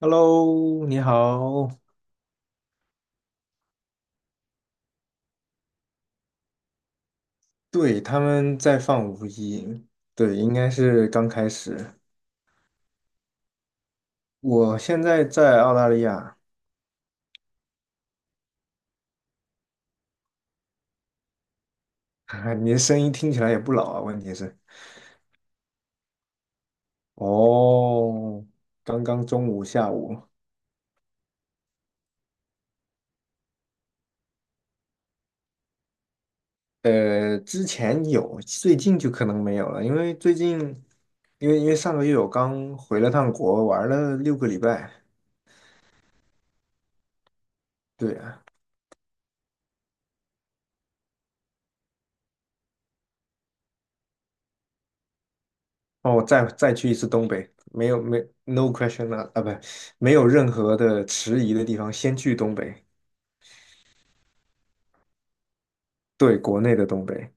Hello，你好。对，他们在放五一，对，应该是刚开始。我现在在澳大利亚。你的声音听起来也不老啊。问题是，哦，刚刚中午、下午。之前有，最近就可能没有了，因为最近，因为上个月我刚回了趟国，玩了六个礼拜。对啊。哦，我再去一次东北，没有没 no question。 不，没有任何的迟疑的地方，先去东北。对，国内的东北。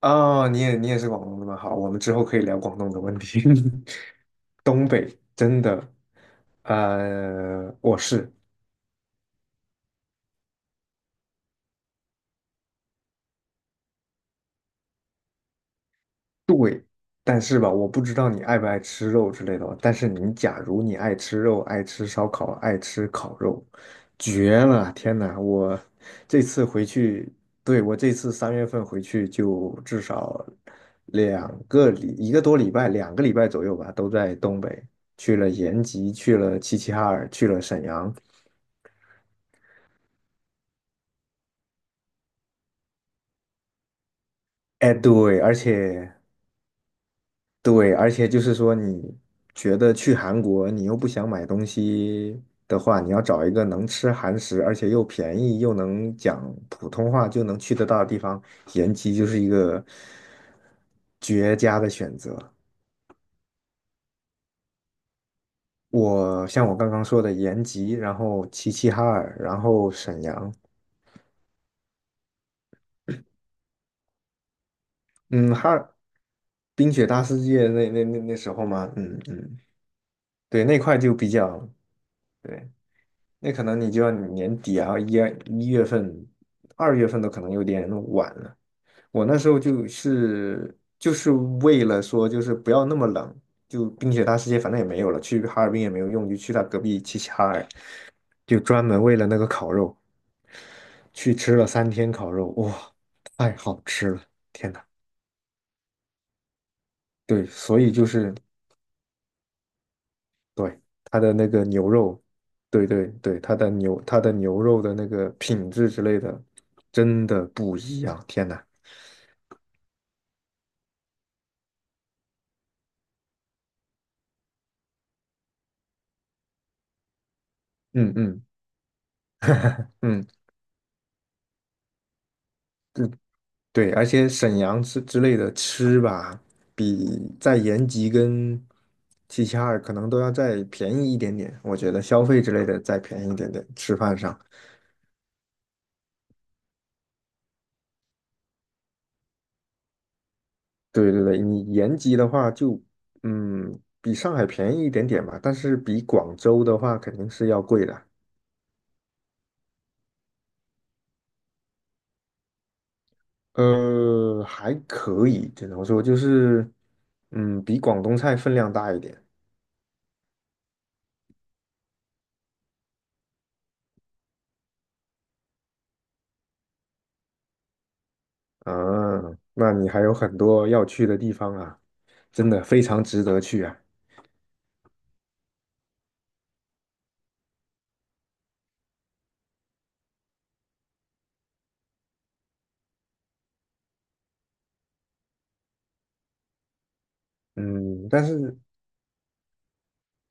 哦，你也是广东的吗？好，我们之后可以聊广东的问题。真的。我是。但是吧，我不知道你爱不爱吃肉之类的，但是你假如你爱吃肉，爱吃烧烤，爱吃烤肉，绝了！天呐，我这次回去，对，我这次三月份回去就至少两个礼，一个多礼拜，两个礼拜左右吧，都在东北，去了延吉，去了齐齐哈尔，去了沈阳。哎，对，而且对，而且就是说，你觉得去韩国，你又不想买东西的话，你要找一个能吃韩食，而且又便宜，又能讲普通话，就能去得到的地方，延吉就是一个绝佳的选择。我像我刚刚说的延吉，然后齐齐哈尔，然后沈阳。嗯，冰雪大世界那时候嘛，嗯嗯，对，那块就比较对。那可能你就要年底啊，一月份、二月份都可能有点晚了。我那时候就是为了说，就是不要那么冷，就冰雪大世界反正也没有了，去哈尔滨也没有用，就去他隔壁齐齐哈尔，就专门为了那个烤肉去吃了三天烤肉。哇，太好吃了，天呐。对，所以就是对，它的那个牛肉，对对对，它的牛肉的那个品质之类的，真的不一样，天呐。嗯嗯。嗯，对对，而且沈阳之类的吃吧，比在延吉跟齐齐哈尔可能都要再便宜一点点，我觉得消费之类的再便宜一点点，吃饭上。对对对，你延吉的话就，嗯，比上海便宜一点点吧，但是比广州的话肯定是要贵的。还可以，只能说就是，嗯，比广东菜分量大一点啊。那你还有很多要去的地方啊，真的非常值得去啊。嗯，但是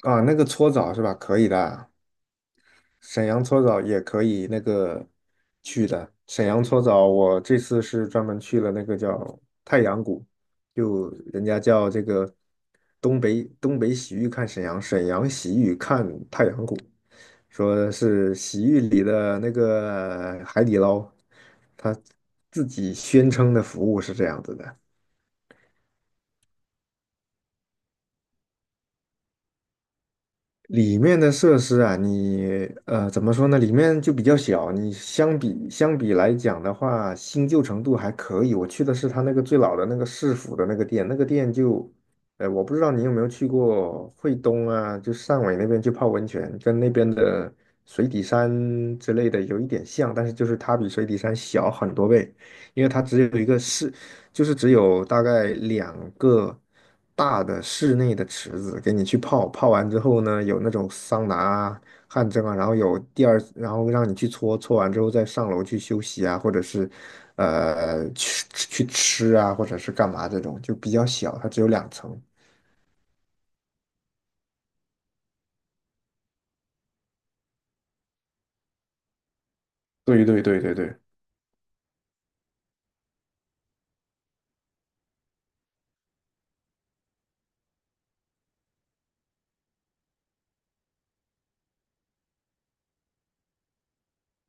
啊，那个搓澡是吧？可以的啊，沈阳搓澡也可以那个去的。沈阳搓澡，我这次是专门去了那个叫太阳谷，就人家叫这个东北洗浴看沈阳，沈阳洗浴看太阳谷，说是洗浴里的那个海底捞，他自己宣称的服务是这样子的。里面的设施啊，你怎么说呢？里面就比较小，你相比来讲的话，新旧程度还可以。我去的是他那个最老的那个市府的那个店，那个店就，我不知道你有没有去过惠东啊，就汕尾那边去泡温泉，跟那边的水底山之类的有一点像，但是就是它比水底山小很多倍，因为它只有一个市，就是只有大概两个大的室内的池子给你去泡，泡完之后呢，有那种桑拿啊、汗蒸啊，然后有第二，然后让你去搓，搓完之后再上楼去休息啊，或者是去吃啊，或者是干嘛这种，就比较小，它只有两层。对对对对对。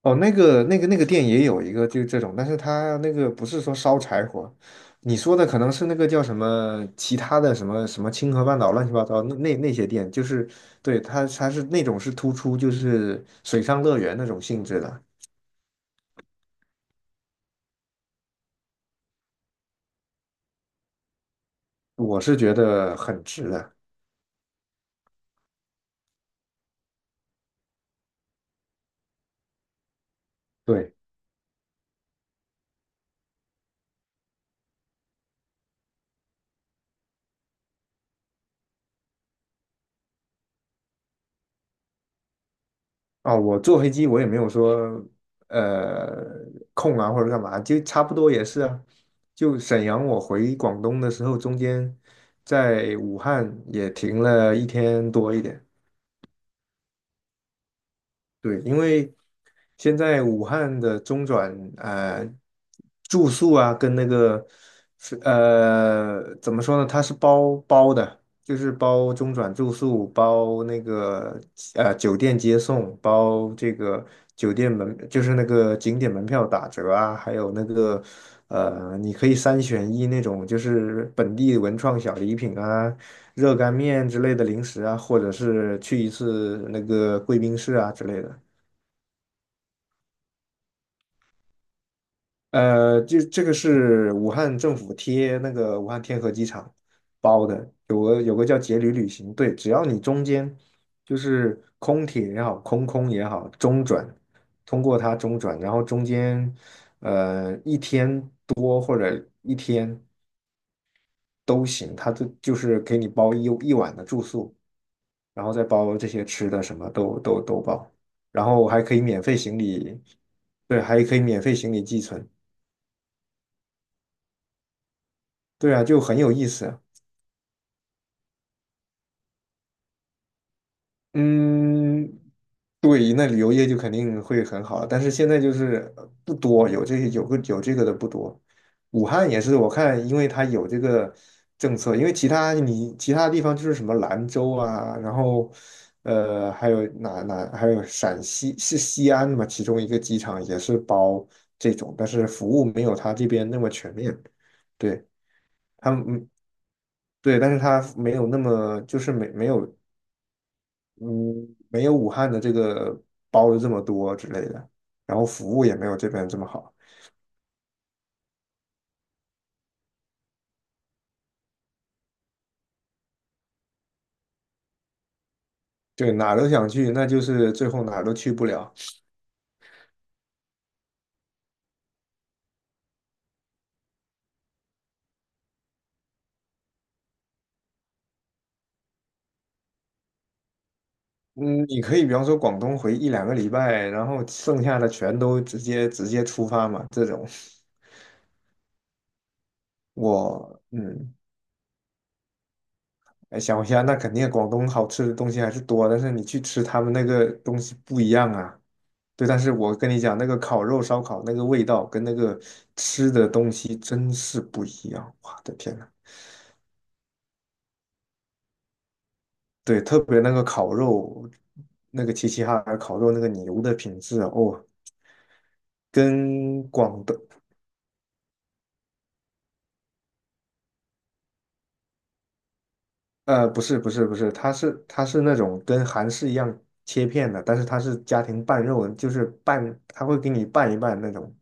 哦，那个店也有一个就这种，但是它那个不是说烧柴火，你说的可能是那个叫什么其他的什么什么清河半岛乱七八糟那些店，就是对，它它是那种是突出就是水上乐园那种性质的，我是觉得很值的。对。哦，我坐飞机我也没有说呃空啊或者干嘛，就差不多也是啊。就沈阳我回广东的时候，中间在武汉也停了一天多一点。对，因为现在武汉的中转住宿啊，跟那个是怎么说呢，它是包包的，就是包中转住宿，包那个酒店接送，包这个酒店门，就是那个景点门票打折啊，还有那个你可以三选一那种，就是本地文创小礼品啊。热干面之类的零食啊，或者是去一次那个贵宾室啊之类的。就这个是武汉政府贴那个武汉天河机场包的，有个叫节旅旅行。对，只要你中间就是空铁也好，空空也好，中转通过它中转，然后中间一天多或者一天都行，它就是给你包一晚的住宿，然后再包这些吃的，什么都包，然后还可以免费行李，对，还可以免费行李寄存。对啊，就很有意思。嗯，对，那旅游业就肯定会很好，但是现在就是不多，有这个的不多。武汉也是，我看因为它有这个政策，因为其他地方就是什么兰州啊，然后还有还有陕西是西安嘛，其中一个机场也是包这种，但是服务没有它这边那么全面。对。他们，嗯，对，但是他没有那么，就是没没有，嗯，没有武汉的这个包的这么多之类的，然后服务也没有这边这么好。对，哪儿都想去，那就是最后哪儿都去不了。嗯，你可以比方说广东回一两个礼拜，然后剩下的全都直接出发嘛，这种我嗯，哎想一下，那肯定广东好吃的东西还是多，但是你去吃他们那个东西不一样啊。对，但是我跟你讲，那个烤肉烧烤那个味道跟那个吃的东西真是不一样，我的天！对，特别那个烤肉，那个齐齐哈尔烤肉那个牛的品质啊，哦，跟广东，不是，它是那种跟韩式一样切片的，但是它是家庭拌肉，就是拌，它会给你拌一拌那种。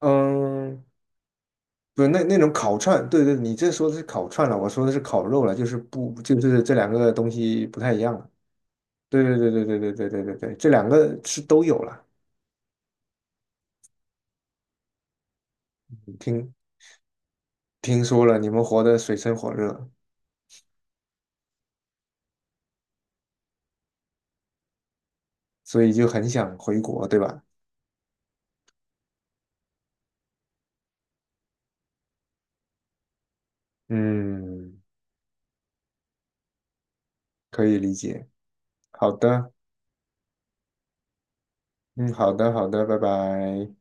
嗯，不是那种烤串，对对，你这说的是烤串了，我说的是烤肉了，就是不就是这两个东西不太一样了。对对对对对对对对对对，这两个是都有了。听，听说了，你们活得水深火热。所以就很想回国，对吧？嗯，可以理解。好的。嗯，好的，好的，拜拜。